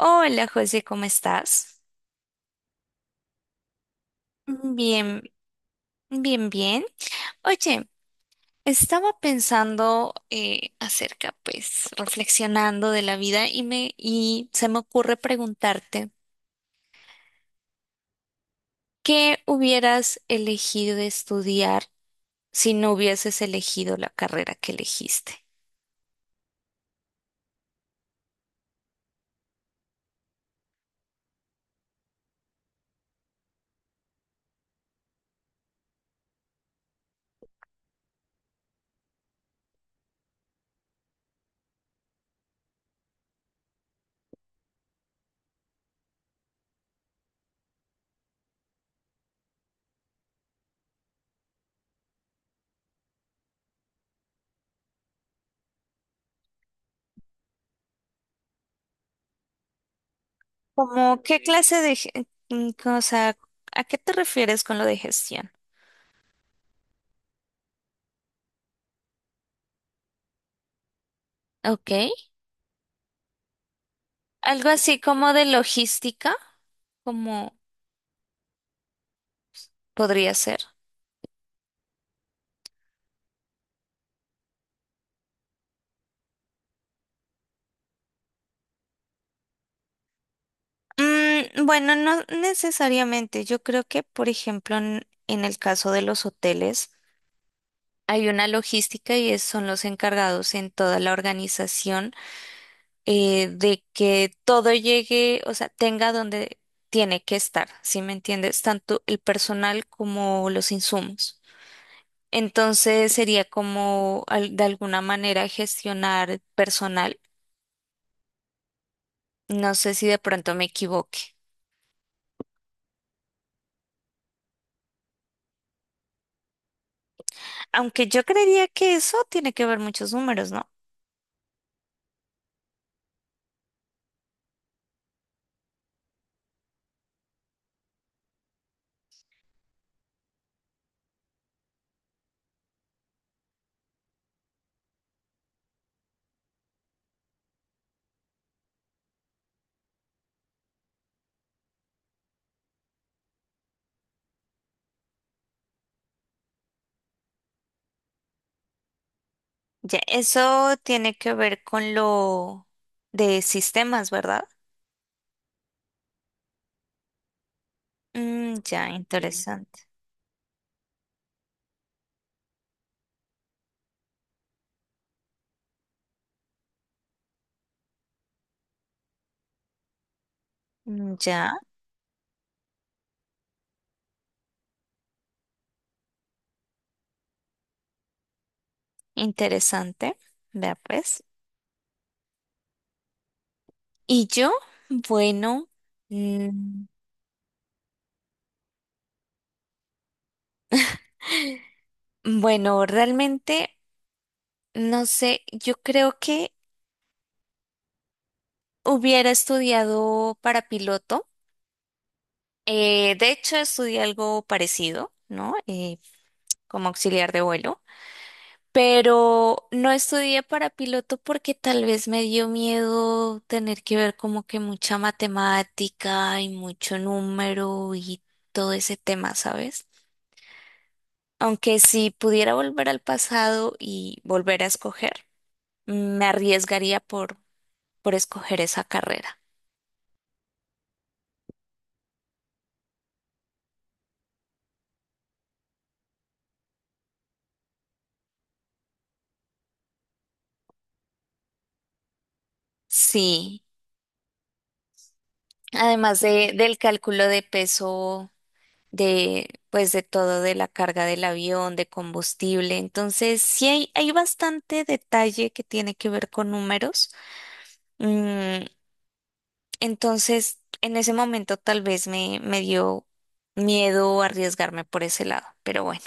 Hola José, ¿cómo estás? Bien, bien, bien. Oye, estaba pensando acerca, pues, reflexionando de la vida y me y se me ocurre preguntarte, ¿qué hubieras elegido de estudiar si no hubieses elegido la carrera que elegiste? Como, ¿qué clase de, o a qué te refieres con lo de gestión? Ok, algo así como de logística, como podría ser. Mm, bueno, no necesariamente. Yo creo que, por ejemplo, en el caso de los hoteles, hay una logística y son los encargados en toda la organización de que todo llegue, o sea, tenga donde tiene que estar, ¿sí me entiendes? Tanto el personal como los insumos. Entonces sería como de alguna manera gestionar personal. No sé si de pronto me equivoque. Aunque yo creería que eso tiene que ver muchos números, ¿no? Ya, eso tiene que ver con lo de sistemas, ¿verdad? Mm, ya, sí, interesante. Mm, ya, interesante. Vea pues. ¿Y yo? Bueno, mm, bueno, realmente no sé, yo creo que hubiera estudiado para piloto. De hecho, estudié algo parecido, ¿no? Como auxiliar de vuelo. Pero no estudié para piloto porque tal vez me dio miedo tener que ver como que mucha matemática y mucho número y todo ese tema, ¿sabes? Aunque si pudiera volver al pasado y volver a escoger, me arriesgaría por escoger esa carrera. Sí, además del cálculo de peso de pues de todo, de la carga del avión, de combustible. Entonces, hay bastante detalle que tiene que ver con números. Mm, entonces, en ese momento tal vez me dio miedo arriesgarme por ese lado, pero bueno,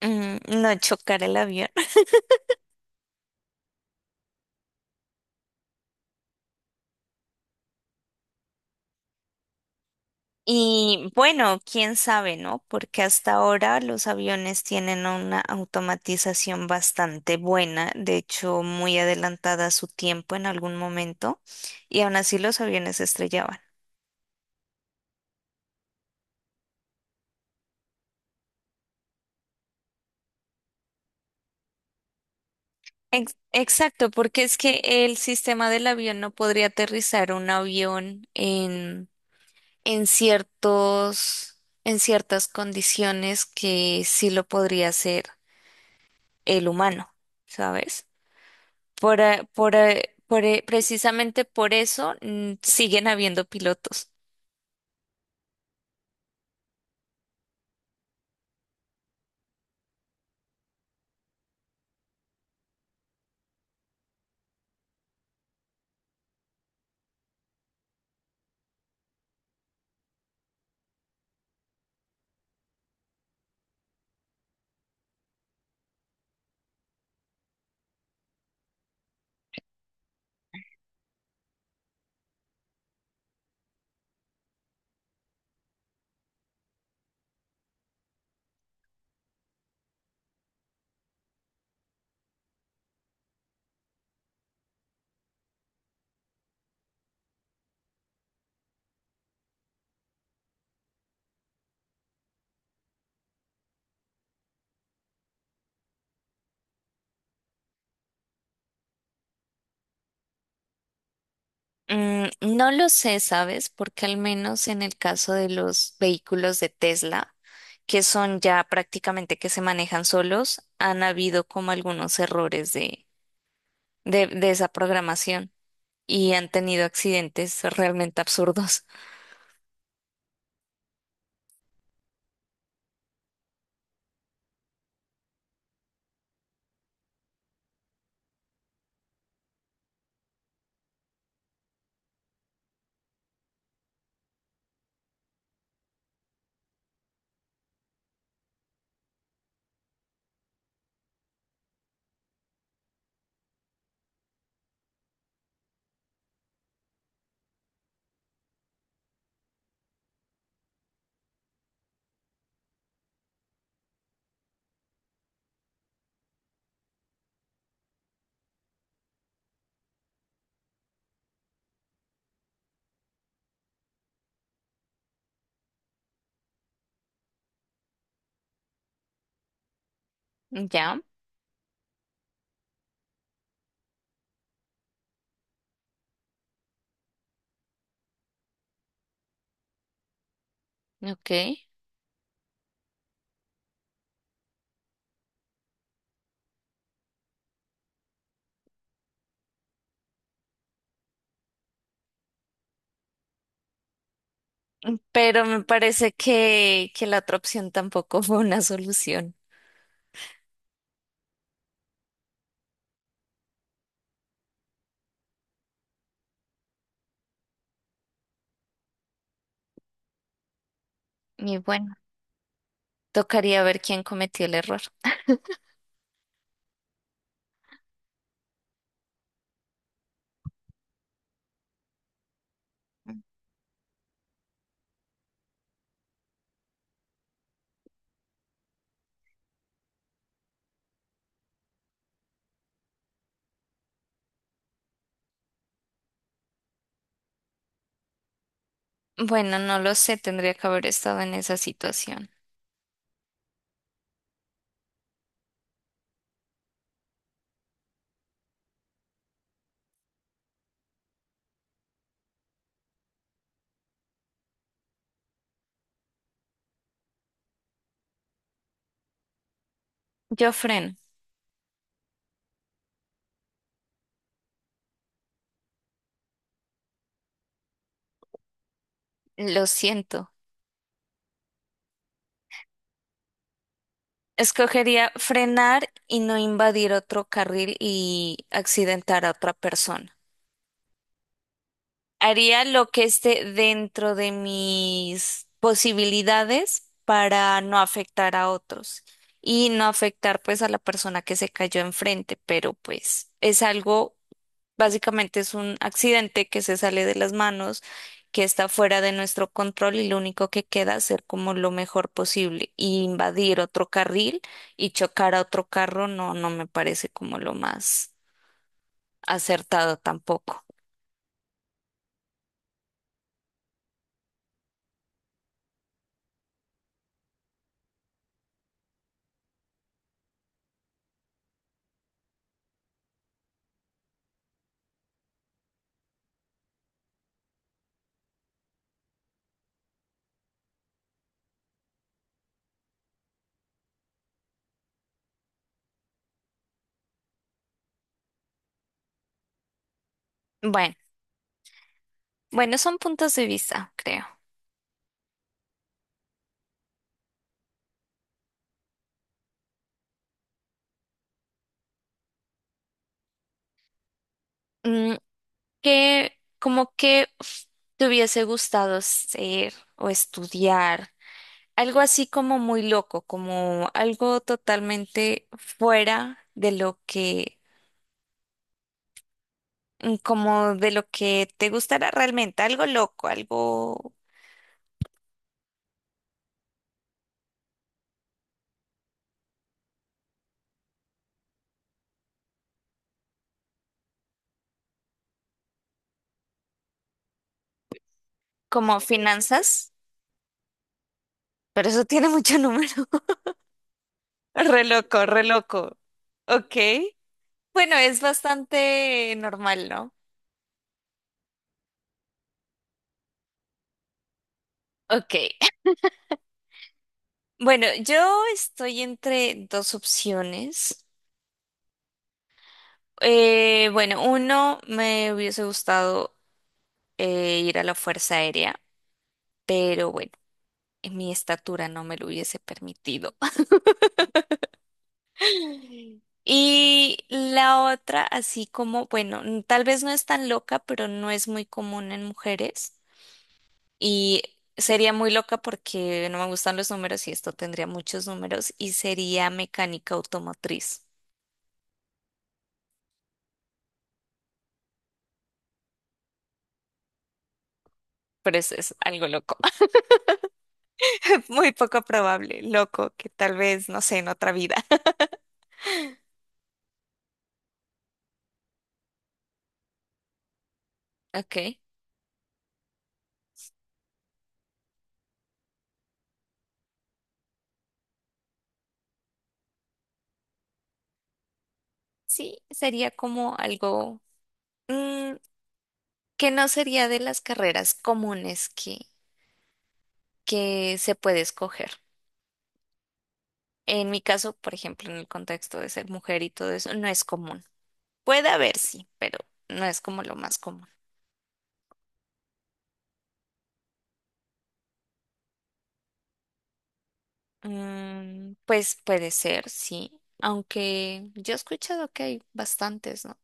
mm, no chocar el avión. Y bueno, quién sabe, ¿no? Porque hasta ahora los aviones tienen una automatización bastante buena, de hecho muy adelantada a su tiempo en algún momento, y aún así los aviones se estrellaban. Exacto, porque es que el sistema del avión no podría aterrizar un avión en ciertos, en ciertas condiciones que sí lo podría hacer el humano, ¿sabes? Por, precisamente por eso mm, siguen habiendo pilotos. Mm, no lo sé, ¿sabes? Porque al menos en el caso de los vehículos de Tesla, que son ya prácticamente que se manejan solos, han habido como algunos errores de esa programación y han tenido accidentes realmente absurdos. Ya, ok. Pero me parece que la otra opción tampoco fue una solución. Y bueno. Tocaría ver quién cometió el error. Bueno, no lo sé, tendría que haber estado en esa situación. Yo freno, lo siento. Escogería frenar y no invadir otro carril y accidentar a otra persona. Haría lo que esté dentro de mis posibilidades para no afectar a otros y no afectar pues a la persona que se cayó enfrente, pero pues es algo. Básicamente es un accidente que se sale de las manos, que está fuera de nuestro control y lo único que queda es ser como lo mejor posible. Y invadir otro carril y chocar a otro carro no, no me parece como lo más acertado tampoco. Bueno, bueno, son puntos de vista, creo. Mm, ¿qué, como que uf, te hubiese gustado ser o estudiar? Algo así como muy loco, como algo totalmente fuera de lo que, mm, como de lo que te gustará realmente, algo loco, algo como finanzas, pero eso tiene mucho número. Re loco, re loco. Ok. Bueno, es bastante normal, ¿no? Ok. Bueno, yo estoy entre dos opciones. Bueno, uno me hubiese gustado ir a la Fuerza Aérea, pero bueno, mi estatura no me lo hubiese permitido. Y la otra, así como, bueno, tal vez no es tan loca, pero no es muy común en mujeres. Y sería muy loca porque no me gustan los números y esto tendría muchos números y sería mecánica automotriz. Pero eso es algo loco, muy poco probable, loco, que tal vez, no sé, en otra vida. Ok. Sí, sería como algo mm, que no sería de las carreras comunes que se puede escoger. En mi caso, por ejemplo, en el contexto de ser mujer y todo eso, no es común. Puede haber, sí, pero no es como lo más común. Mm, pues puede ser, sí, aunque yo he escuchado que hay bastantes, ¿no?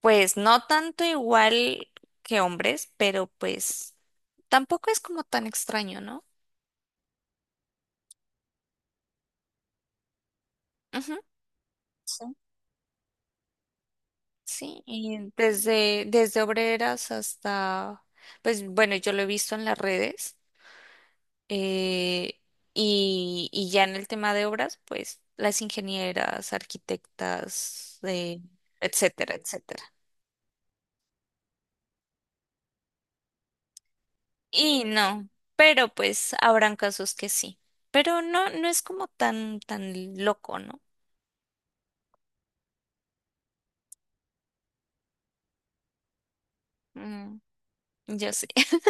Pues no tanto igual que hombres, pero pues tampoco es como tan extraño, ¿no? Ujú. Sí. Sí, y desde obreras hasta, pues bueno, yo lo he visto en las redes. Eh, y ya en el tema de obras, pues las ingenieras, arquitectas, etcétera, etcétera. Y no, pero pues habrán casos que sí. Pero no, no es como tan, tan loco, ¿no? Mm, yo sí,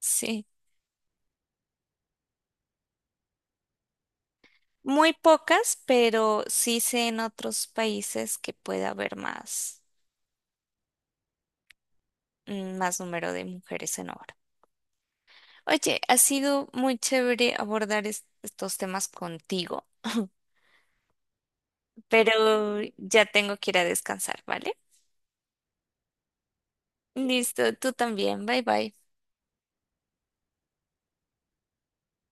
sí. Muy pocas, pero sí sé en otros países que puede haber más, mm, más número de mujeres en obra. Oye, ha sido muy chévere abordar estos temas contigo, pero ya tengo que ir a descansar, ¿vale? Listo, tú también, bye bye.